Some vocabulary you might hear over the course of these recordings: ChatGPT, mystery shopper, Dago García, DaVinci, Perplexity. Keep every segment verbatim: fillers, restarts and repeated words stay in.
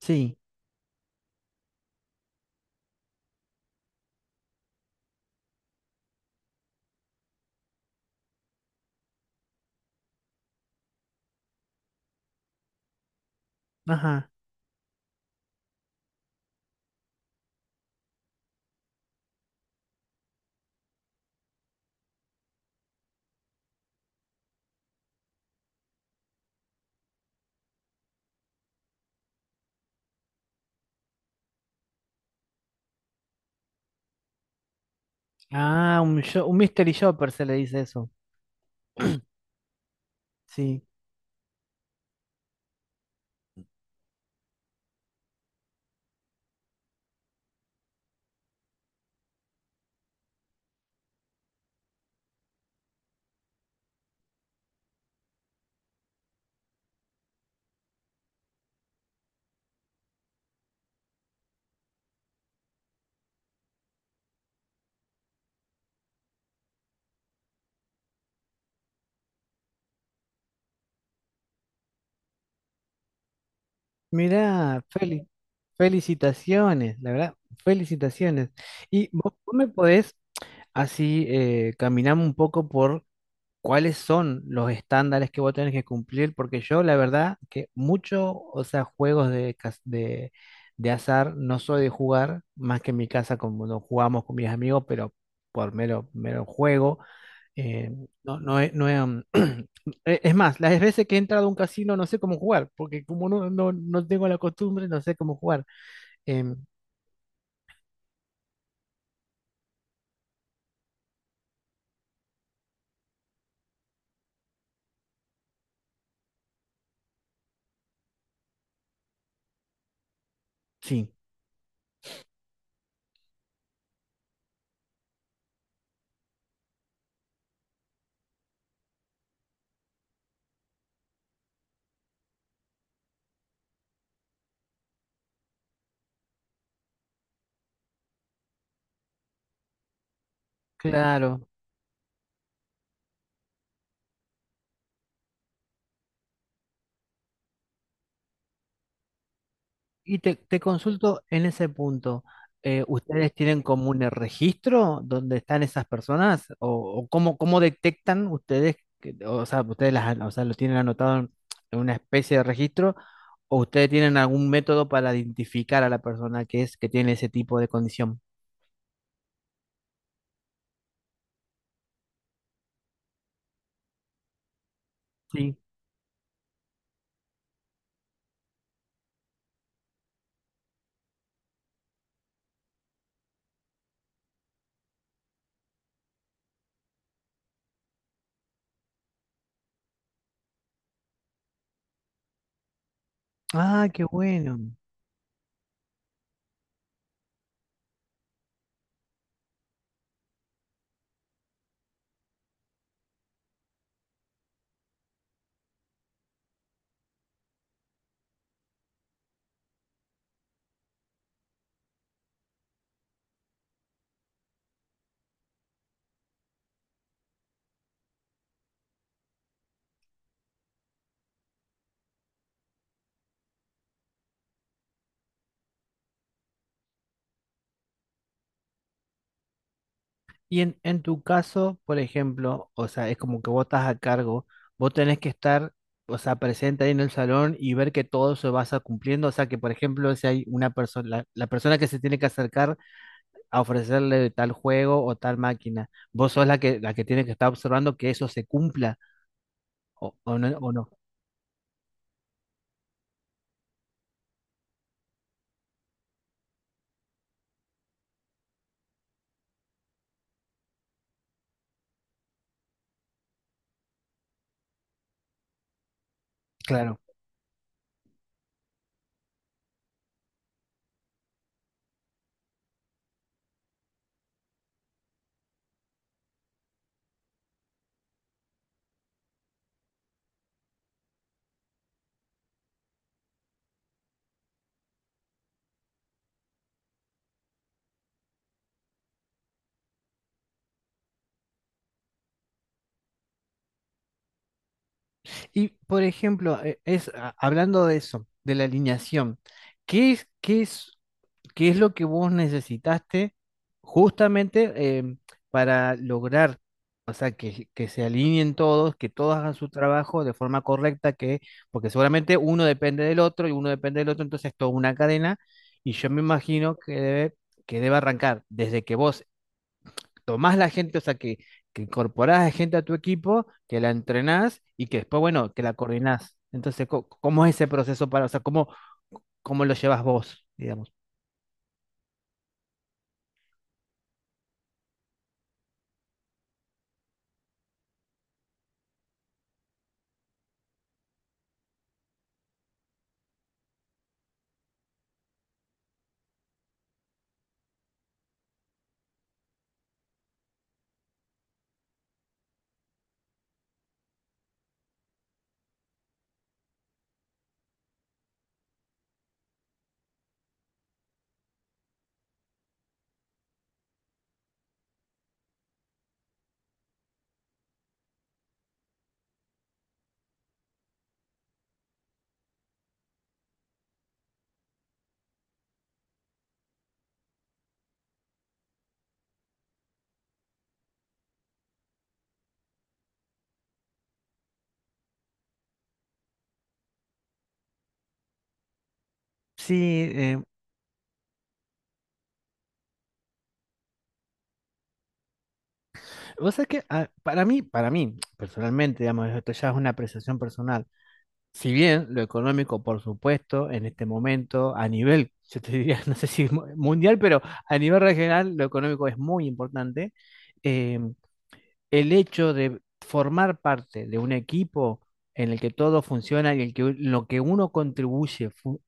Sí, ajá. Ah, un, sho- un mystery shopper se le dice eso. Sí. Mirá, Feli, felicitaciones, la verdad, felicitaciones. Y vos, vos me podés así eh, caminar un poco por cuáles son los estándares que vos tenés que cumplir, porque yo la verdad que mucho, o sea, juegos de, cas- de, de azar no soy de jugar, más que en mi casa como no jugamos con mis amigos, pero por mero, mero juego. Eh, no, no, he- no he, um, e- es más, las veces que he entrado a un casino no sé cómo jugar, porque como no, no, no tengo la costumbre, no sé cómo jugar. Em, sí, claro. Y te, te consulto en ese punto. Eh, ¿ustedes tienen como un registro donde están esas personas? ¿O, o cómo, cómo detectan ustedes? Que- o sea, ustedes las, an- o sea, lo tienen anotado en en una especie de registro. ¿O ustedes tienen algún método para identificar a la persona que es que tiene ese tipo de condición? Sí. Ah, qué bueno. Y en, en tu caso, por ejemplo, o sea, es como que vos estás a cargo, vos tenés que estar, o sea, presente ahí en el salón y ver que todo se va cumpliendo, o sea, que por ejemplo, si hay una persona, la, la persona que se tiene que acercar a ofrecerle tal juego o tal máquina, vos sos la que, la que tiene que estar observando que eso se cumpla o, o no, o no. Claro. Y por ejemplo, eh, es, a- hablando de eso, de la alineación, ¿qué es, qué es? ¿Qué es lo que vos necesitaste justamente em, para lograr, o sea, que, que se alineen todos, que todos hagan su trabajo de forma correcta, que, porque seguramente uno depende del otro y uno depende del otro, entonces es toda una cadena y yo me imagino que debe, que debe arrancar desde que vos tomás la gente, o sea, que, que incorporás a gente a tu equipo, que la entrenás y que después, bueno, que la coordinás? Entonces, co- ¿cómo es ese proceso para, o sea, cómo, cómo lo llevas vos, digamos? Sí, vos sabés que ah, para mí, para mí, personalmente, digamos, esto ya es una apreciación personal. Si bien lo económico, por supuesto, en este momento, a nivel, yo te diría, no sé si mu- mundial, pero a nivel regional, lo económico es muy importante. eh, el hecho de formar parte de un equipo en el que todo funciona y el que, u- lo que uno contribuye fu-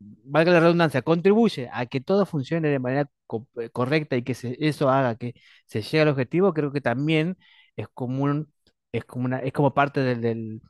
valga la redundancia, contribuye a que todo funcione de manera co- eh, correcta y que se- eso haga que se llegue al objetivo, creo que también es como un- es como una, es como parte del, del-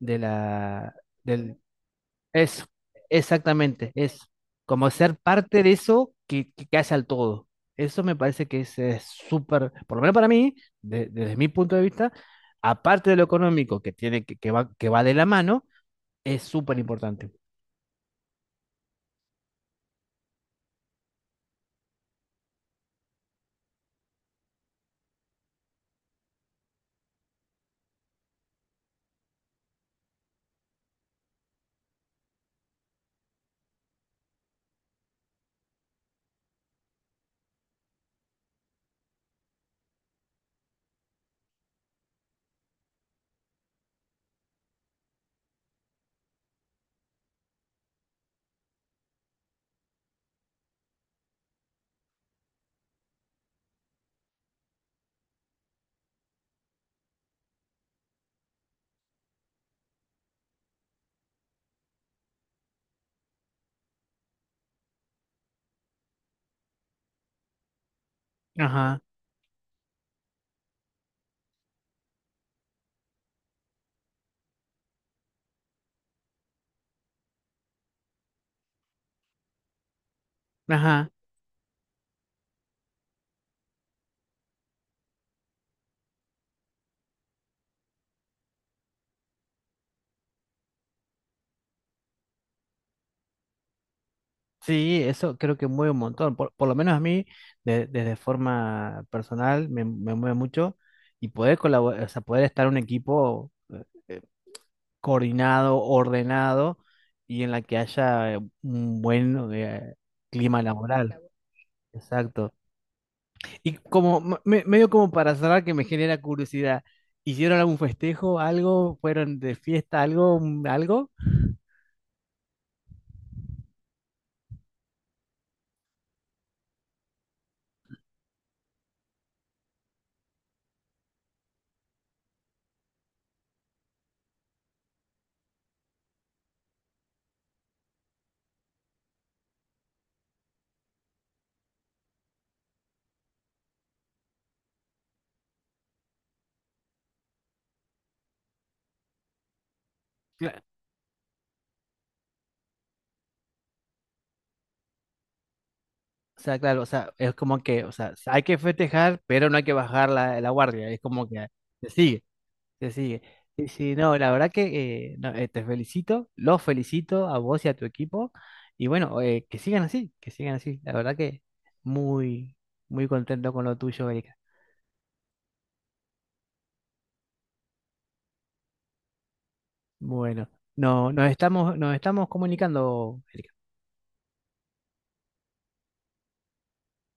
de la, del, eso, exactamente, es como ser parte de eso que, que, que hace al todo. Eso me parece que es eh, súper, por lo menos para mí, de- desde mi punto de vista, aparte de lo económico que tiene, que, que va, que va de la mano, es súper importante. Ajá, ajá. Sí, eso creo que mueve un montón. Por, por lo menos a mí, de- desde forma personal, me, me mueve mucho. Y poder colaborar, o sea, poder estar en un equipo eh, eh, coordinado, ordenado y en la que haya eh, un buen eh, clima laboral. Exacto. Y como, me- me- medio como para cerrar, que me genera curiosidad, ¿hicieron algún festejo, algo? ¿Fueron de fiesta, algo, algo? O sea, claro, o sea, es como que, o sea, hay que festejar, pero no hay que bajar la, la guardia, es como que se sigue, se sigue. Sí, sí, no, la verdad que eh, no, eh, te felicito, los felicito a vos y a tu equipo, y bueno, eh, que sigan así, que sigan así, la verdad que muy, muy contento con lo tuyo, Erika. Bueno, no, nos estamos, nos estamos comunicando, Erika.